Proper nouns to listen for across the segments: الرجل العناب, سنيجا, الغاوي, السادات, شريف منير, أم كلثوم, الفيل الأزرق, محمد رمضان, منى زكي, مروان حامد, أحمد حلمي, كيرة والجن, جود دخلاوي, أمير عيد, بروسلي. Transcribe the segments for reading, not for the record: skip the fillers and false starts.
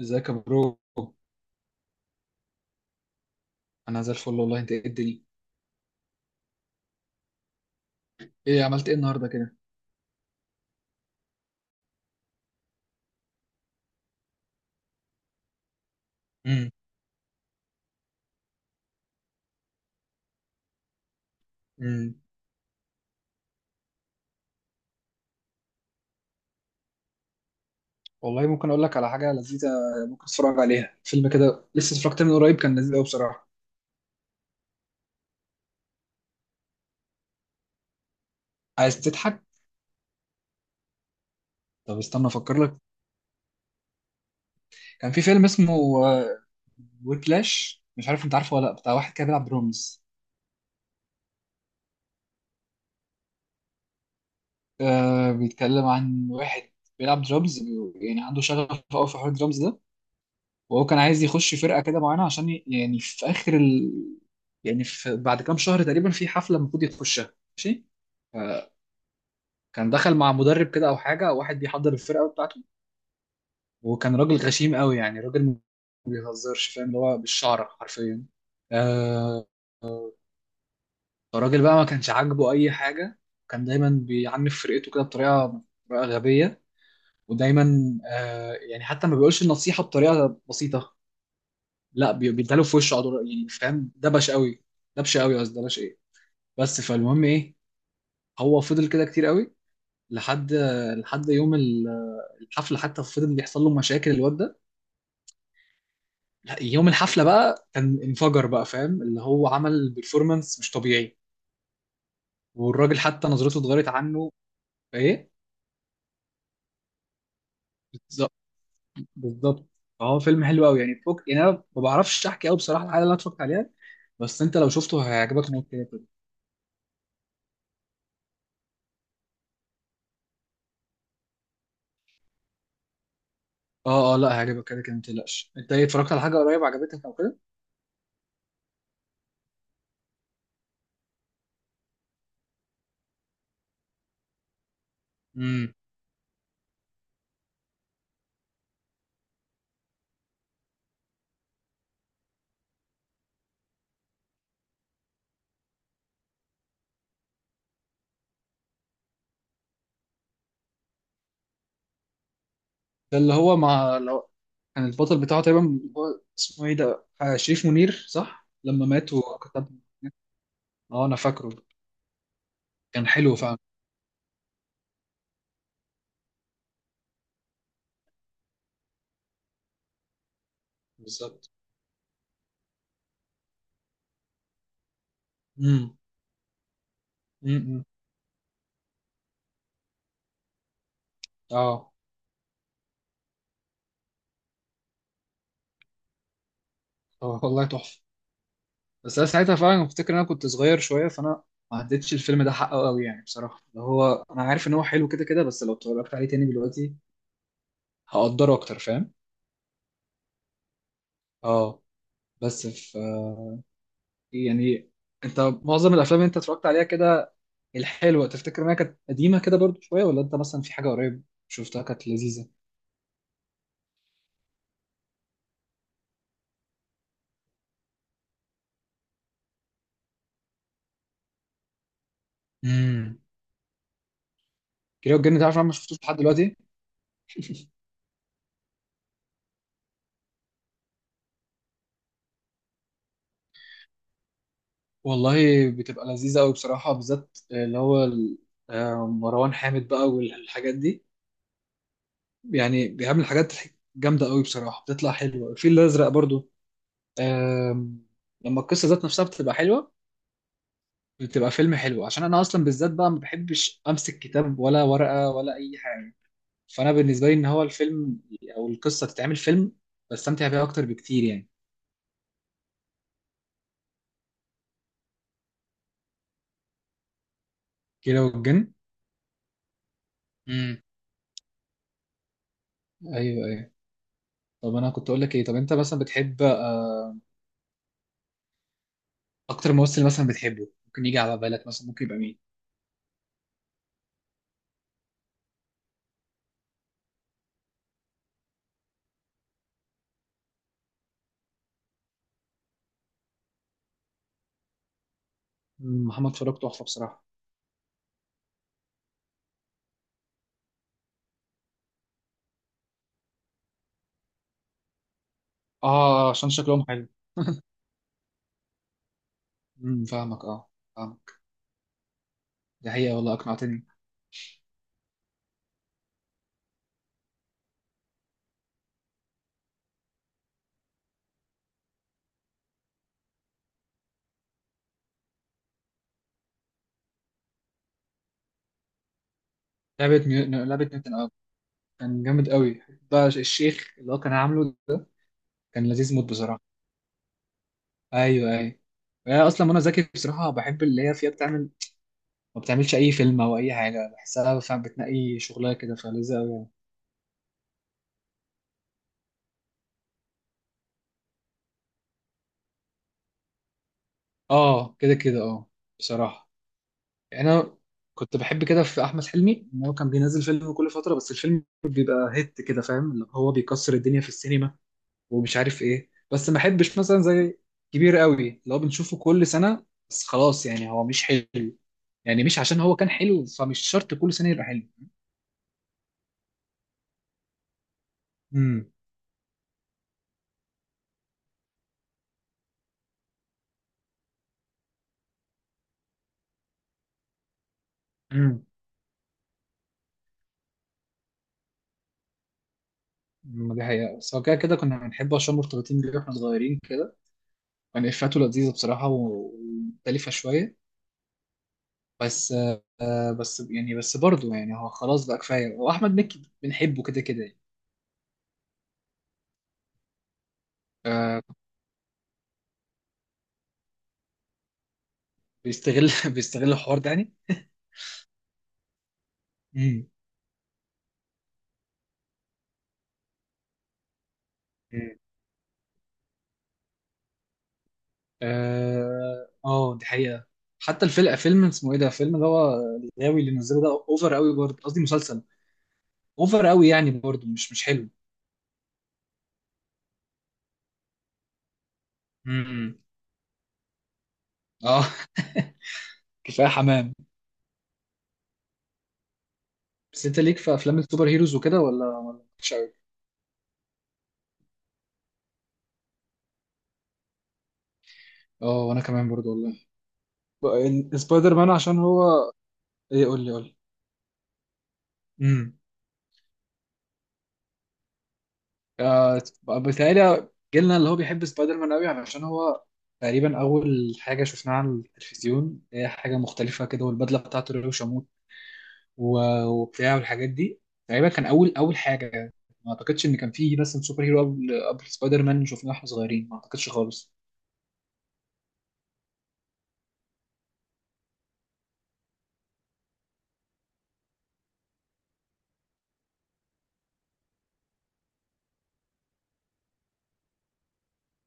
ازيك يا برو. انا زي الفل والله. انت ايه الدنيا؟ ايه عملت ايه النهارده كده؟ امم. امم. والله ممكن اقول لك على حاجه لذيذه. ممكن تتفرج عليها فيلم كده، لسه اتفرجت من قريب، كان لذيذ قوي بصراحه. عايز تضحك؟ طب استنى افكر لك. كان في فيلم اسمه ويبلاش، مش عارف انت عارفه ولا لا، بتاع واحد كده بيلعب درامز. آه، بيتكلم عن واحد بيلعب درامز، يعني عنده شغف قوي في حوار الدرامز ده. وهو كان عايز يخش فرقه كده معينه عشان يعني في اخر يعني في بعد كام شهر تقريبا في حفله المفروض يخشها، ماشي. كان دخل مع مدرب كده او حاجه، واحد بيحضر الفرقه بتاعته. وكان راجل غشيم قوي، يعني راجل ما بيهزرش، فاهم؟ اللي هو بالشعر حرفيا. آه. الراجل بقى ما كانش عاجبه اي حاجه. كان دايما بيعنف فرقته كده بطريقه غبيه. ودايما آه، يعني حتى ما بيقولش النصيحه بطريقه بسيطه. لا، بيداله في وشه على طول، يعني فاهم؟ دبش قوي. دبش قوي، قصدي دبش ايه. بس فالمهم ايه. هو فضل كده كتير قوي. لحد لحد يوم الحفله، حتى فضل بيحصل له مشاكل الواد ده. لا، يوم الحفله بقى كان انفجر بقى، فاهم؟ اللي هو عمل بيرفورمانس مش طبيعي. والراجل حتى نظرته اتغيرت عنه. ايه؟ بالظبط، بالظبط. فهو فيلم حلو قوي يعني فوق، يعني انا ما بعرفش احكي قوي بصراحه الحاجه اللي انا اتفرجت عليها. بس انت لو شفته هيعجبك موت كده. اه، اه، لا هيعجبك كده كده ما تقلقش. انت ايه اتفرجت على حاجه قريب عجبتك او كده؟ امم. ده اللي هو مع لو كان البطل بتاعه تقريبا، هو اسمه ايه ده، شريف منير، صح؟ لما مات وكتب. اه، انا فاكره. كان حلو فعلا. بالظبط. امم. امم. اه، والله تحفه. بس انا ساعتها فعلا افتكر ان انا كنت صغير شويه، فانا ما عدتش الفيلم ده حقه قوي يعني بصراحه، اللي هو انا عارف ان هو حلو كده كده، بس لو اتفرجت عليه تاني دلوقتي هقدره اكتر، فاهم؟ اه. بس يعني انت معظم الافلام اللي انت اتفرجت عليها كده الحلوه تفتكر انها كانت قديمه كده برضو شويه، ولا انت مثلا في حاجه قريب شفتها كانت لذيذه؟ امم. كيرة والجن، تعرف؟ انا ما شفتوش لحد دلوقتي. والله. بتبقى لذيذه قوي بصراحه، بالذات اللي هو مروان حامد بقى والحاجات دي. يعني بيعمل حاجات جامده قوي بصراحه، بتطلع حلوه. الفيل الازرق برضو. آم، لما القصه ذات نفسها بتبقى حلوه، بتبقى فيلم حلو، عشان انا اصلا بالذات بقى ما بحبش امسك كتاب ولا ورقه ولا اي حاجه. فانا بالنسبه لي ان هو الفيلم او القصه تتعمل فيلم، بستمتع بيها اكتر بكتير يعني. كيرة والجن. امم. ايوه، ايوه. طب انا كنت اقول لك ايه؟ طب انت مثلا بتحب، اكتر ممثل مثلا بتحبه ممكن يجي على بالك، مثلا ممكن يبقى مين؟ محمد فاروق تحفه بصراحه. اه، عشان شكلهم حلو. امم. فاهمك، اه. فاهمك. دي حقيقه، والله اقنعتني. لعبه نيوتن، اه. كان جامد قوي. بقى الشيخ اللي هو كان عامله ده. كان لذيذ موت بصراحه. ايوه، ايوه. أنا اصلا منى زكي بصراحه بحب اللي هي فيها بتعمل، ما بتعملش اي فيلم او اي حاجه بحسها، فاهم؟ بتنقي شغلها كده فلذيذه قوي يعني. اه، كده كده اه. بصراحه. يعني انا كنت بحب كده في احمد حلمي ان هو كان بينزل فيلم كل فتره، بس الفيلم بيبقى هيت كده، فاهم؟ اللي هو بيكسر الدنيا في السينما. ومش عارف ايه، بس ما احبش مثلا زي كبير قوي اللي هو بنشوفه كل سنه. بس خلاص، يعني هو مش حلو. يعني مش عشان هو كان حلو فمش شرط كل سنه يبقى حلو. امم. امم. دي حقيقة، بس هو كده كده كنا بنحبه عشان مرتبطين بيه واحنا صغيرين. يعني افاته لذيذه بصراحه، ومختلفه شويه. بس بس يعني برضه يعني هو خلاص بقى كفايه، واحمد مكي بنحبه كده كده يعني. آه، بيستغل بيستغل الحوار ده يعني. مم. مم. اه، دي حقيقه. حتى الفيلم، فيلم اسمه ايه ده، فيلم اللي هو الغاوي اللي نزله ده اوفر قوي برضه، قصدي مسلسل. اوفر قوي يعني برضه مش حلو. مم. اه. كفايه حمام. بس انت ليك في افلام السوبر هيروز وكده، ولا مش قوي؟ اه، وانا كمان برضه والله. بقى سبايدر مان عشان هو. ايه؟ قول لي قول لي. امم. آه. بتهيألي جيلنا اللي هو بيحب سبايدر مان قوي علشان هو تقريبا اول حاجه شفناها على التلفزيون، هي حاجه مختلفه كده، والبدله بتاعته اللي هو شموت وبتاع والحاجات دي. تقريبا كان اول اول حاجه يعني. ما اعتقدش ان كان فيه مثلا سوبر هيرو قبل سبايدر مان شفناه واحنا صغيرين، ما اعتقدش خالص.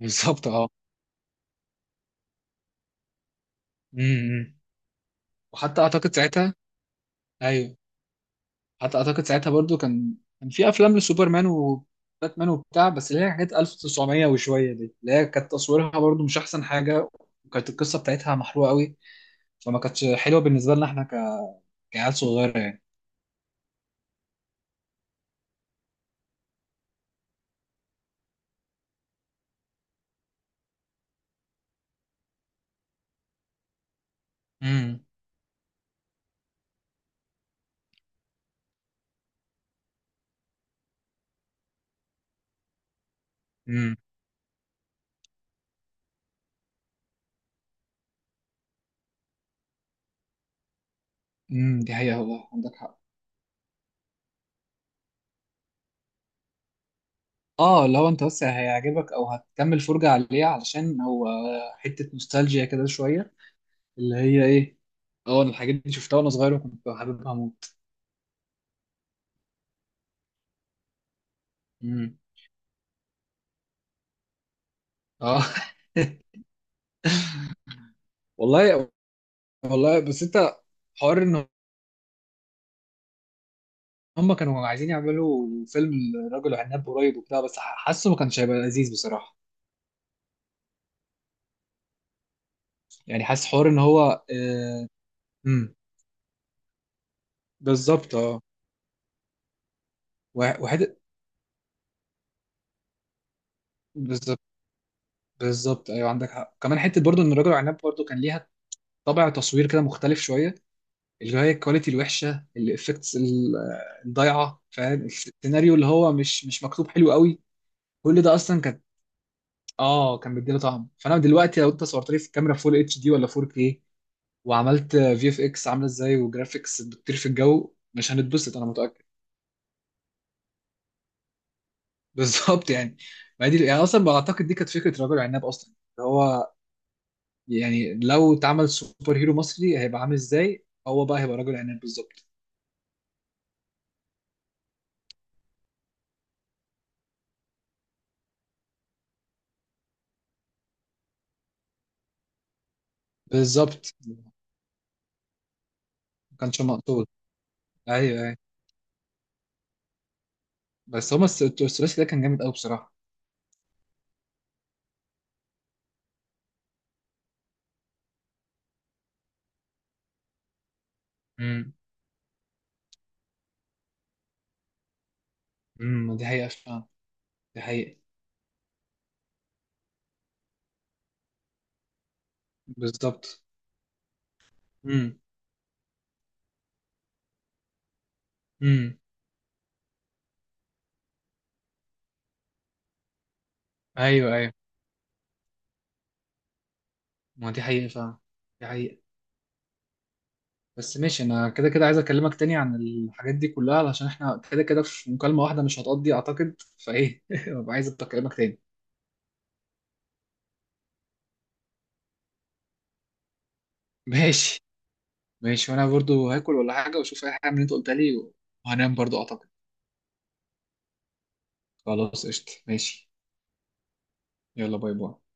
بالظبط، اه. امم. وحتى اعتقد ساعتها. ايوه. حتى اعتقد ساعتها برضو كان كان في افلام لسوبرمان وباتمان وبتاع، بس اللي هي حاجات 1900 وشويه دي اللي هي كانت تصويرها برضو مش احسن حاجه. وكانت القصه بتاعتها محروقه قوي. فما كانتش حلوه بالنسبه لنا احنا كعيال صغيره يعني. امم. امم. امم. دي حقيقة، والله عندك حق. اه، لو انت بس هيعجبك او هتكمل فرجة عليه علشان هو حتة نوستالجيا كده شوية، اللي هي ايه؟ اه، انا الحاجات دي شفتها وانا صغير وكنت حاببها موت. امم. اه. والله. والله، بس انت حوار ان هم كانوا عايزين يعملوا فيلم الرجل العناب قريب وبتاع، بس حاسه ما كانش هيبقى لذيذ بصراحه. يعني حاسس حوار ان هو امم. بالظبط، اه. وحته. بالظبط. بالظبط، ايوه عندك حق، كمان حته برضو ان الرجل العناب برضو كان ليها طابع تصوير كده مختلف شويه، اللي هي الكواليتي الوحشه، الافكتس الضايعه، فاهم؟ السيناريو اللي هو مش مكتوب حلو قوي. كل ده اصلا كان اه، كان بيديله طعم. فانا دلوقتي لو انت صورت لي في الكاميرا فول اتش دي ولا 4K وعملت في اف اكس عامله ازاي، وجرافيكس بتطير في الجو، مش هنتبسط انا متاكد. بالظبط يعني، ما هي دي يعني اصلا بعتقد دي كانت فكره رجل عناب اصلا اللي هو يعني لو اتعمل سوبر هيرو مصري هيبقى عامل ازاي؟ هو بقى هيبقى رجل عناب بالظبط. بالظبط، ما كانش مقصود. ايوه، ايوه. بس هما الثلاثي ده كان جامد قوي بصراحه. امم. امم. دي حقيقه فعلا. دي حقيقه. بالظبط. امم. امم. ايوه، ايوه. ما دي حقيقه فعلا. دي حقيقه. بس ماشي، انا كده كده عايز اكلمك تاني عن الحاجات دي كلها، علشان احنا كده كده في مكالمة واحدة مش هتقضي اعتقد فايه. ببقى عايز اكلمك تاني. ماشي. ماشي، وانا برضو هاكل ولا حاجة واشوف اي حاجة من اللي انت قلتها لي، وهنام برضو اعتقد. خلاص قشطة، ماشي. يلا، باي باي.